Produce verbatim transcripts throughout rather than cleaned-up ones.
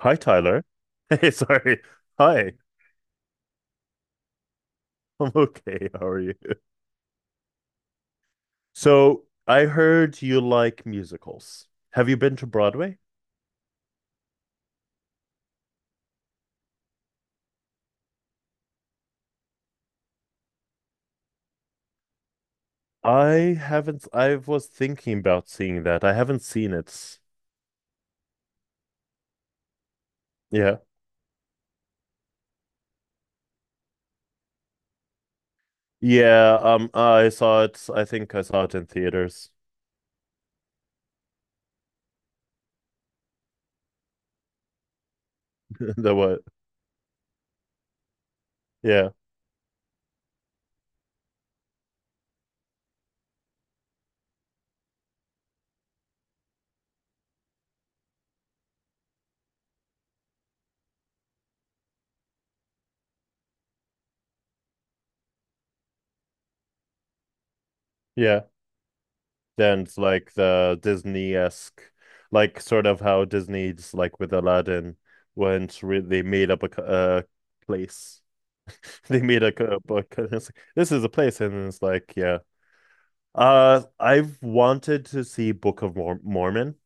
Hi, Tyler. Hey, sorry. Hi, I'm okay. How are you? So, I heard you like musicals. Have you been to Broadway? I haven't. I was thinking about seeing that. I haven't seen it. Yeah. Yeah. Um, I saw it. I think I saw it in theaters. The what? Yeah. Yeah. Then it's like the Disney-esque, like sort of how Disney's like with Aladdin, when it's re- they made up a c- uh, place. They made like a book, and it's like, this is a place, and it's like, yeah. Uh, I've wanted to see Book of Mor Mormon.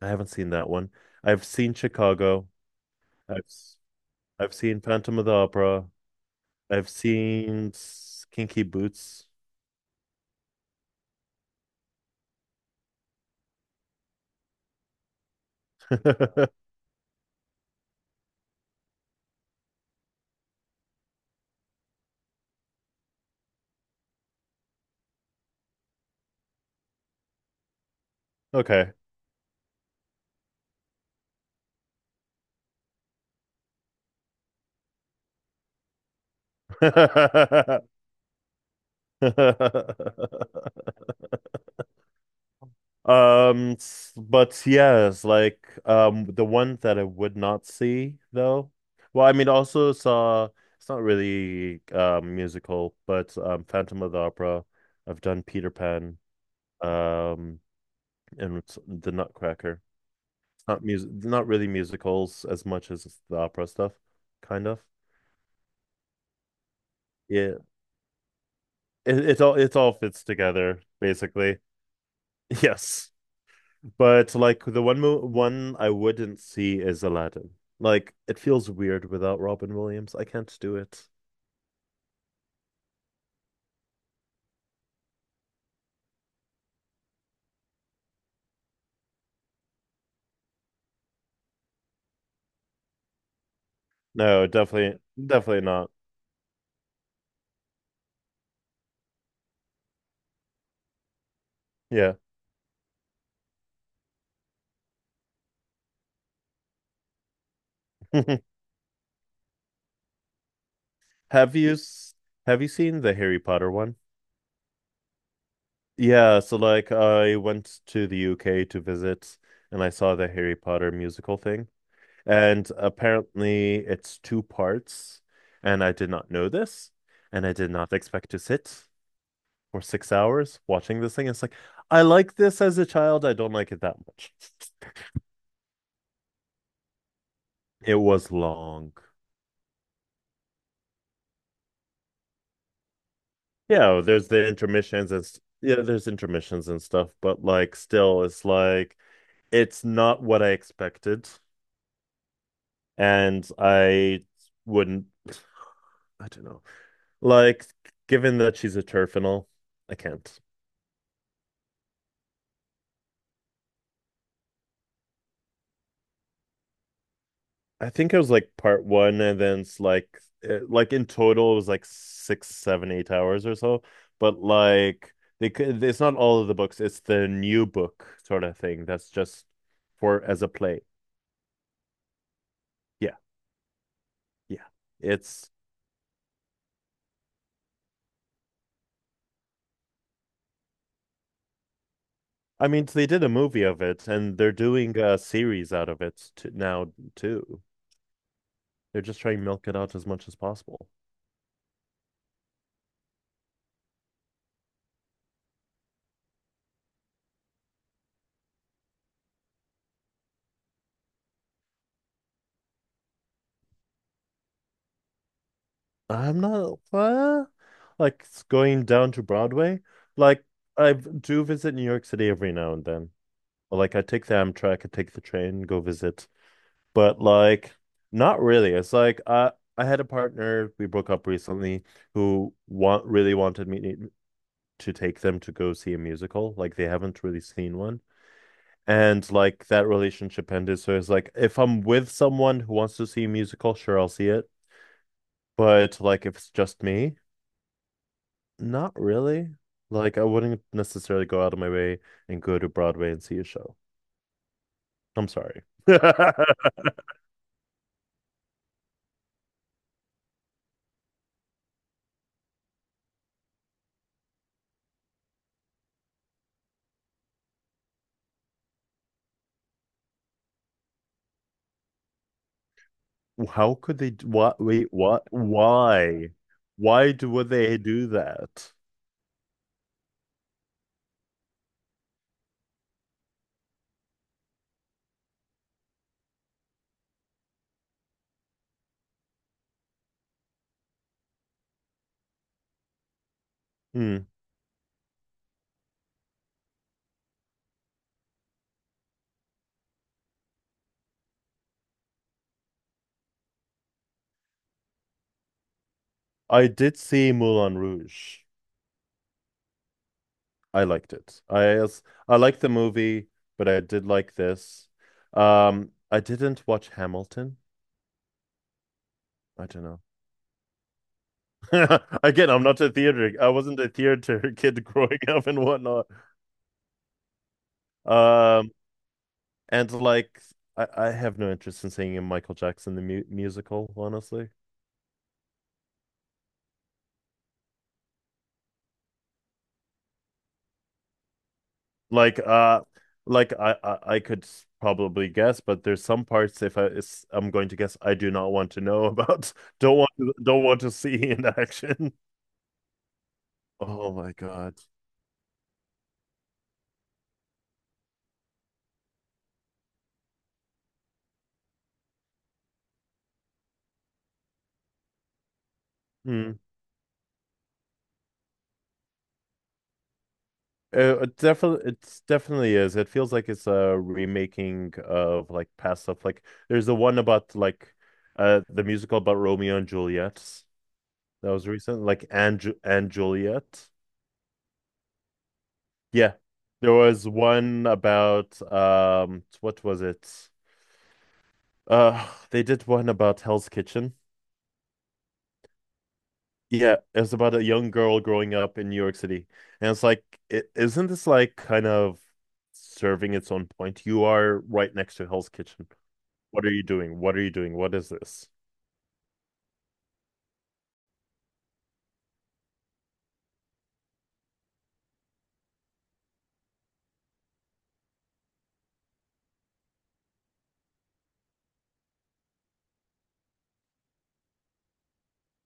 I haven't seen that one. I've seen Chicago. I've s- I've seen Phantom of the Opera. I've seen s- Kinky Boots. Okay. Um, s- but yes, like um the one that I would not see though. Well, I mean also saw it's not really um musical, but um Phantom of the Opera. I've done Peter Pan, um and it's the Nutcracker. It's not music not really musicals as much as it's the opera stuff, kind of. Yeah. It it all it all fits together, basically. Yes. But like the one mo one I wouldn't see is Aladdin. Like it feels weird without Robin Williams. I can't do it. No, definitely, definitely not. Yeah. Have you s- have you seen the Harry Potter one? Yeah, so like I went to the U K to visit and I saw the Harry Potter musical thing. And apparently it's two parts and I did not know this and I did not expect to sit for six hours watching this thing. It's like, I like this as a child. I don't like it that much. It was long. Yeah, oh, there's the intermissions and s- yeah, there's intermissions and stuff, but like still, it's like it's not what I expected, and I wouldn't. I don't know. Like, given that she's a turf and all, I can't. I think it was like part one, and then it's like it, like in total it was like six, seven, eight hours or so. But like they could, it's not all of the books. It's the new book sort of thing that's just for as a play. Yeah, yeah. It's I mean they did a movie of it, and they're doing a series out of it t now too. They're just trying to milk it out as much as possible. I'm not uh, like it's going down to Broadway. Like I do visit New York City every now and then. Well, like I take the Amtrak, I take the train, go visit. But like not really. It's like I I had a partner we broke up recently who want really wanted me to take them to go see a musical. Like they haven't really seen one. And like that relationship ended. So it's like if I'm with someone who wants to see a musical, sure I'll see it. But like if it's just me, not really. Like I wouldn't necessarily go out of my way and go to Broadway and see a show. I'm sorry. How could they? d- What? Wait, what? Why? Why do, would they do that? Hmm. I did see Moulin Rouge. I liked it. I as- I liked the movie, but I did like this. Um, I didn't watch Hamilton. I don't know. Again, I'm not a theater. I wasn't a theater kid growing up and whatnot. Um, and like, I, I have no interest in singing a Michael Jackson the mu musical, honestly. Like uh like I, I I could s- probably guess, but there's some parts if I is I'm going to guess I do not want to know about. Don't want to don't want to see in action. Oh my God. Hmm. Uh, it definitely it definitely is. It feels like it's a remaking of like past stuff. Like there's the one about like uh the musical about Romeo and Juliet that was recent, like and Ju- and Juliet. Yeah. There was one about um what was it? Uh, they did one about Hell's Kitchen. Yeah, it was about a young girl growing up in New York City. And it's like, is isn't this like kind of serving its own point? You are right next to Hell's Kitchen. What are you doing? What are you doing? What is this?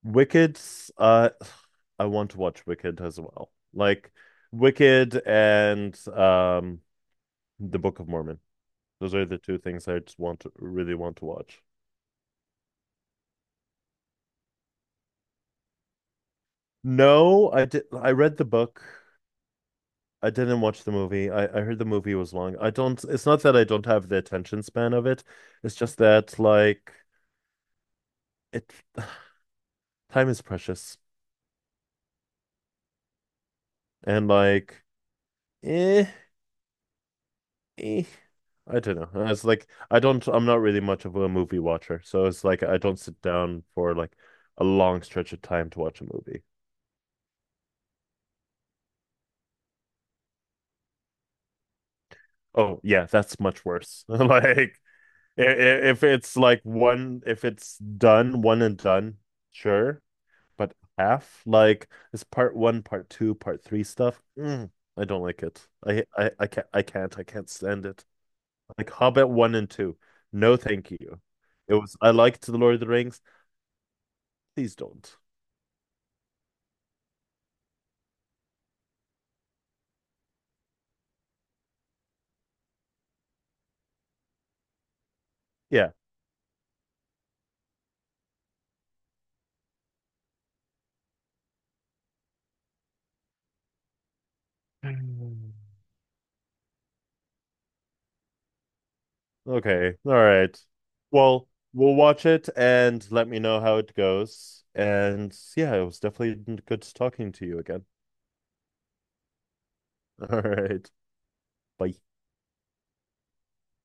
Wicked. uh, I want to watch Wicked as well. Like Wicked and um The Book of Mormon. Those are the two things I just want to really want to watch. No, I did I read the book. I didn't watch the movie. I, I heard the movie was long. I don't, it's not that I don't have the attention span of it. It's just that, like, it, time is precious. And, like, eh, eh, I don't know. It's like, I don't, I'm not really much of a movie watcher. So it's like, I don't sit down for like a long stretch of time to watch a movie. Oh, yeah, that's much worse. Like, if it's like one, if it's done, one and done, sure. But half like it's part one, part two, part three stuff. Mm, I don't like it. I I I can't I can't I can't stand it. Like Hobbit one and two. No, thank you. It was I liked the Lord of the Rings. Please don't. Yeah. Okay. All right. Well, we'll watch it and let me know how it goes. And yeah, it was definitely good talking to you again. All right. Bye.